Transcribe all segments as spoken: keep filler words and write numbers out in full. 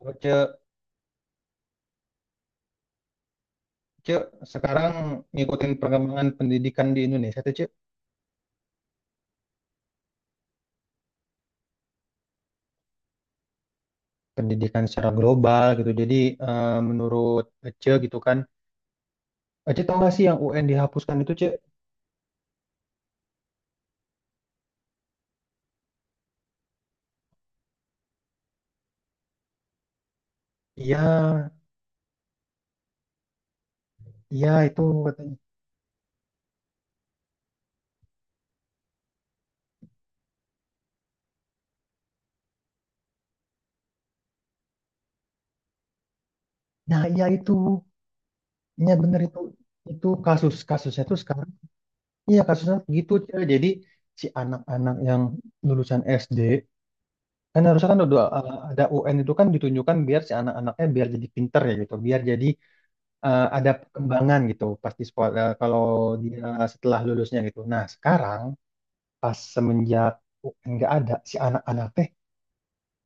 Oh, Cek, Cek, sekarang ngikutin perkembangan pendidikan di Indonesia tuh, Cek, pendidikan secara global gitu. Jadi, eh, menurut Cek gitu kan, Cek tau gak sih yang U N dihapuskan itu, Cek? Iya, iya itu katanya. Nah, iya itu, iya bener itu. Itu kasus, kasusnya tuh sekarang, iya kasusnya gitu, Cek. Jadi si anak-anak yang lulusan S D, kan harusnya kan udah, eh, ada U N itu kan ditunjukkan biar si anak-anaknya biar jadi pinter ya gitu, biar jadi eh, ada perkembangan gitu pas di sekolah, eh, kalau dia setelah lulusnya gitu. Nah sekarang pas semenjak U N nggak ada si anak-anak teh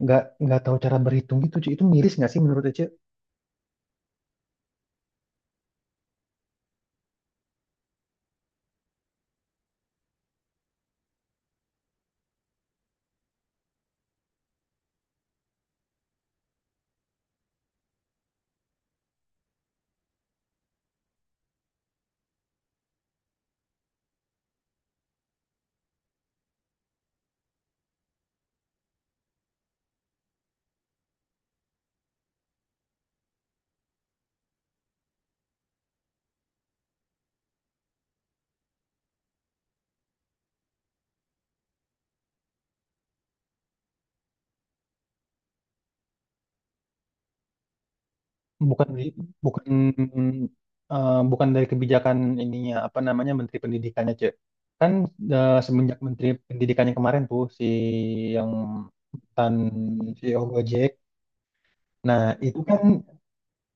nggak nggak tahu cara berhitung gitu, Ci. Itu miris nggak sih menurut Ece? Bukan bukan eh, bukan dari kebijakan ininya apa namanya Menteri Pendidikannya, Cek. Kan, eh, semenjak Menteri Pendidikannya kemarin tuh si yang mantan C E O Gojek. Nah, itu kan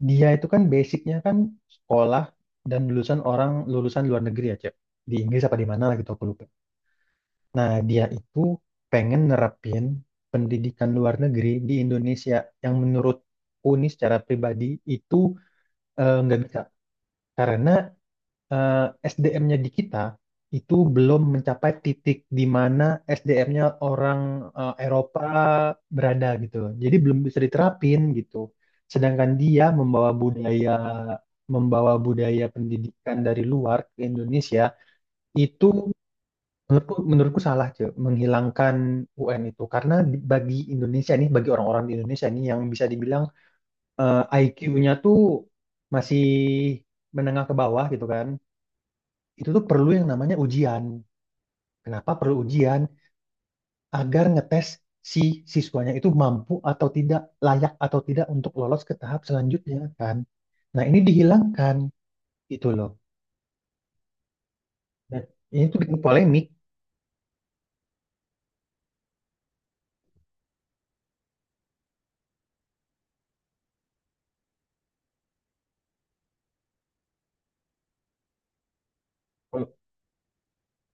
dia itu kan basicnya kan sekolah dan lulusan orang lulusan luar negeri ya, Cep. Di Inggris apa di mana lah gitu aku lupa. Nah, dia itu pengen nerapin pendidikan luar negeri di Indonesia yang menurut Uni secara pribadi itu eh, nggak bisa. Karena eh, S D M-nya di kita itu belum mencapai titik di mana S D M-nya orang eh, Eropa berada gitu. Jadi belum bisa diterapin gitu. Sedangkan dia membawa budaya membawa budaya pendidikan dari luar ke Indonesia itu menurutku, menurutku salah cuy menghilangkan U N itu karena di- bagi Indonesia nih, bagi orang-orang di Indonesia nih yang bisa dibilang I Q-nya tuh masih menengah ke bawah gitu kan, itu tuh perlu yang namanya ujian. Kenapa perlu ujian? Agar ngetes si siswanya itu mampu atau tidak, layak atau tidak untuk lolos ke tahap selanjutnya kan. Nah, ini dihilangkan gitu loh. Dan ini tuh bikin polemik.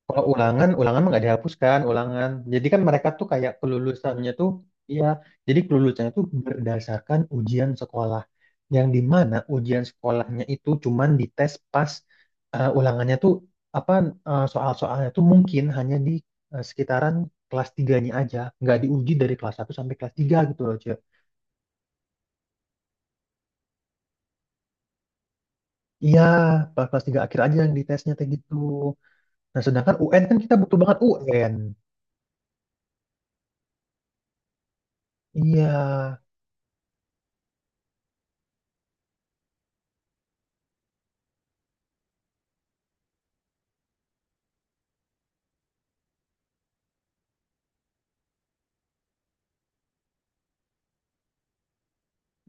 Kalau ulangan, ulangan mah nggak dihapuskan, ulangan. Jadi kan mereka tuh kayak kelulusannya tuh, iya. Jadi kelulusannya tuh berdasarkan ujian sekolah, yang di mana ujian sekolahnya itu cuman dites pas eh, ulangannya tuh apa, eh, soal-soalnya tuh mungkin hanya di eh, sekitaran kelas tiganya aja, nggak diuji dari kelas satu sampai kelas tiga gitu loh, Cek. Iya, pas kelas tiga akhir aja yang ditesnya kayak gitu. Nah, sedangkan U N kan kita butuh banget U N. Iya,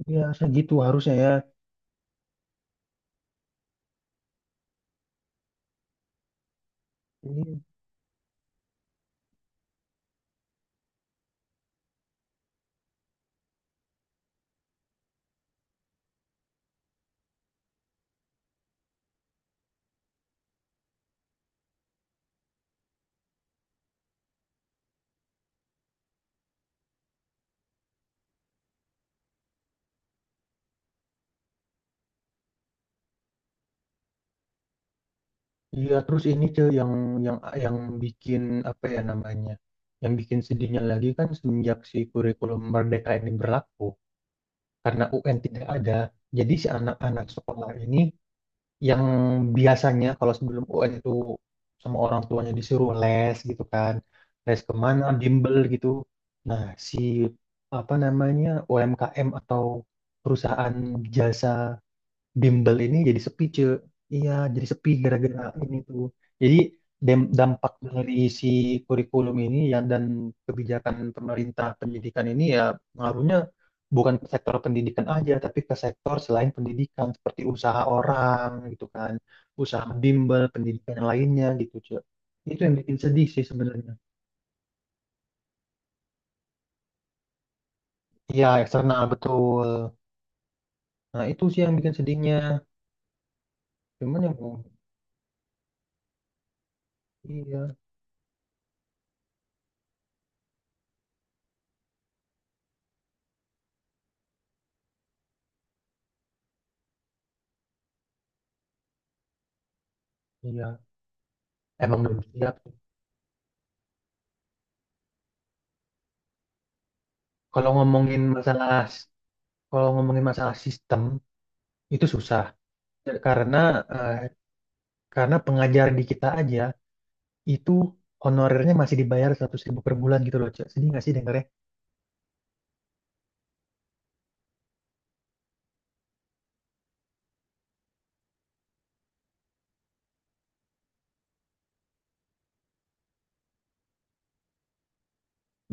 iya segitu harusnya ya. Iya. Iya, terus ini, Cil, yang yang yang bikin apa ya namanya? Yang bikin sedihnya lagi kan semenjak si kurikulum Merdeka ini berlaku karena U N tidak ada. Jadi si anak-anak sekolah ini yang biasanya kalau sebelum U N itu sama orang tuanya disuruh les gitu kan. Les kemana, bimbel gitu. Nah, si apa namanya U M K M atau perusahaan jasa bimbel ini jadi sepi cuy, iya jadi sepi gara-gara ini tuh, jadi dem- dampak dari si kurikulum ini ya, dan kebijakan pemerintah pendidikan ini ya pengaruhnya bukan ke sektor pendidikan aja tapi ke sektor selain pendidikan seperti usaha orang gitu kan, usaha bimbel pendidikan yang lainnya gitu cuy, itu yang bikin sedih sih sebenarnya, iya eksternal betul, nah itu sih yang bikin sedihnya cuman yang iya, iya emang belum siap. Kalau ngomongin masalah kalau ngomongin masalah sistem itu susah karena eh, karena pengajar di kita aja itu honorernya masih dibayar seratus ribu per bulan gitu loh, Cak. Sedih nggak sih dengarnya?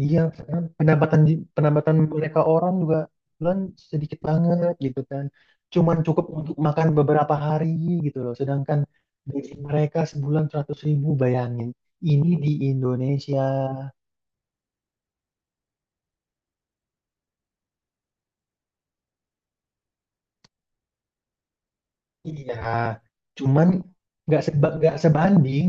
Iya, kan pendapatan di- pendapatan mereka orang juga bulan sedikit banget gitu kan. Cuman cukup untuk makan beberapa hari gitu loh. Sedangkan gaji mereka sebulan seratus ribu bayangin. Ini di Indonesia. Iya, cuman nggak seba, nggak sebanding.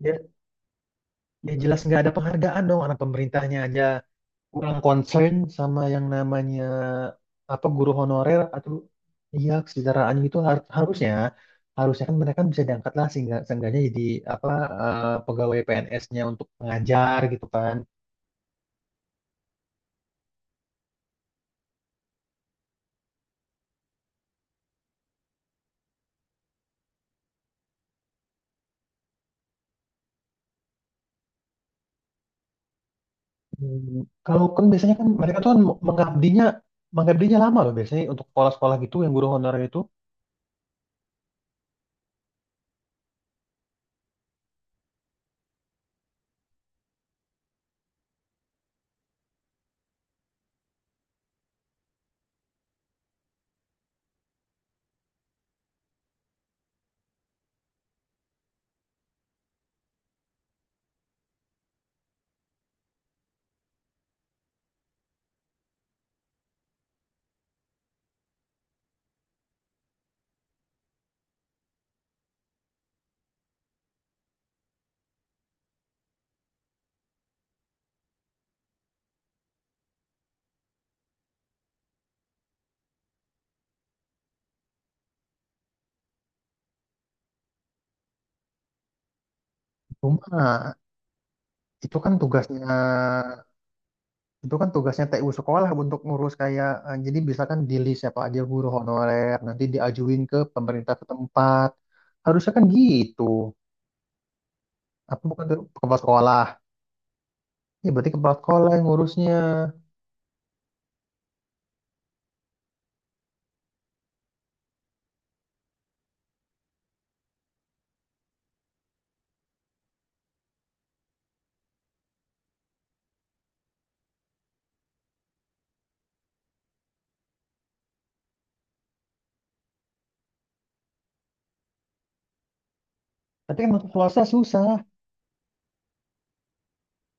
Dia, dia jelas nggak ada penghargaan dong, anak pemerintahnya aja kurang concern sama yang namanya apa guru honorer atau, iya kesetaraan gitu, har- harusnya harusnya kan mereka kan bisa diangkat lah sehingga seenggaknya jadi apa, eh, pegawai P N S-nya untuk mengajar gitu kan. Hmm, kalau kan biasanya kan mereka tuh kan mengabdinya mengabdinya lama loh biasanya untuk sekolah-sekolah gitu yang guru honorer itu cuma itu kan tugasnya Itu kan tugasnya T U sekolah untuk ngurus kayak, eh, jadi bisa kan di list siapa aja guru honorer nanti diajuin ke pemerintah setempat. Harusnya kan gitu. Apa bukan tuh kepala sekolah? Ya berarti kepala sekolah yang ngurusnya. Tapi kan masuk swasta susah.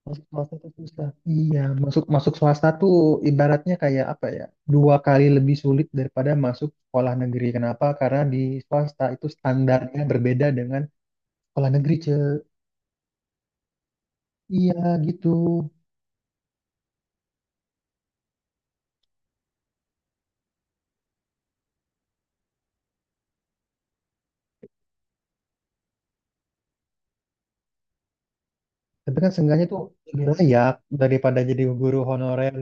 Masuk swasta tuh susah. Iya, masuk masuk swasta tuh ibaratnya kayak apa ya? Dua kali lebih sulit daripada masuk sekolah negeri. Kenapa? Karena di swasta itu standarnya berbeda dengan sekolah negeri, Ce. Iya, gitu. Tapi kan seenggaknya tuh lebih layak daripada jadi guru honorer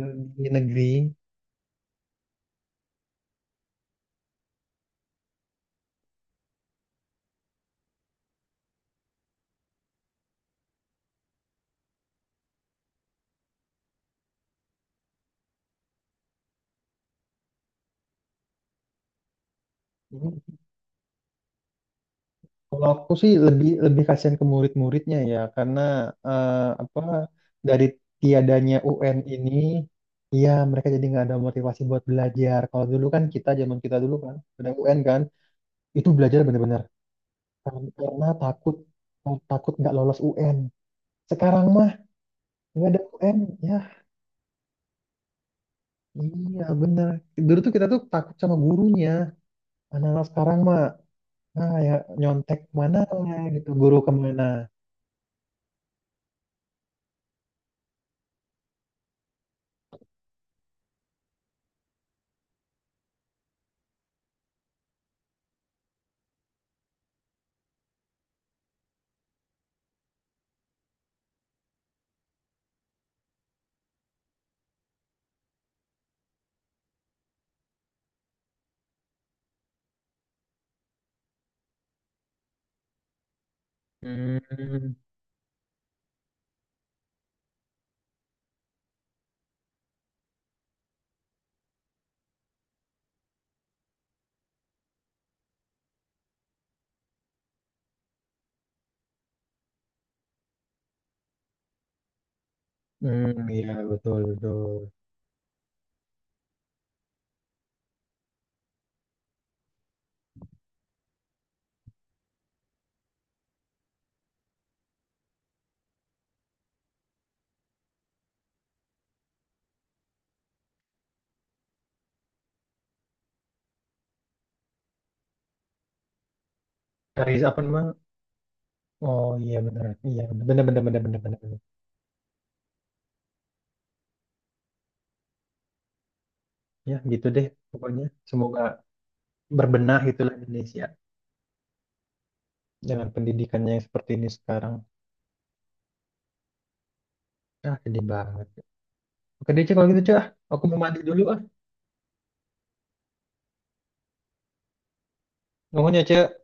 di negeri. Jadi, kalau aku sih lebih lebih kasihan ke murid-muridnya ya, karena, eh, apa dari tiadanya U N ini, ya mereka jadi nggak ada motivasi buat belajar. Kalau dulu kan kita zaman kita dulu kan ada U N kan, itu belajar bener-bener, Kar- karena takut takut nggak lolos U N. Sekarang mah nggak ada U N, ya iya bener. Dulu tuh kita tuh takut sama gurunya. Anak-anak sekarang mah ah ya nyontek mananya gitu guru kemana. Hmm, hmm, iya betul betul. Dari apa namanya? Oh iya benar, iya benar benar benar benar benar. Benar. Ya gitu deh pokoknya. Semoga berbenah itulah Indonesia dengan pendidikannya yang seperti ini sekarang. Ah sedih banget. Oke deh Cek, kalau gitu Cek, ah. Aku mau mandi dulu ah. Ngomongnya Cek.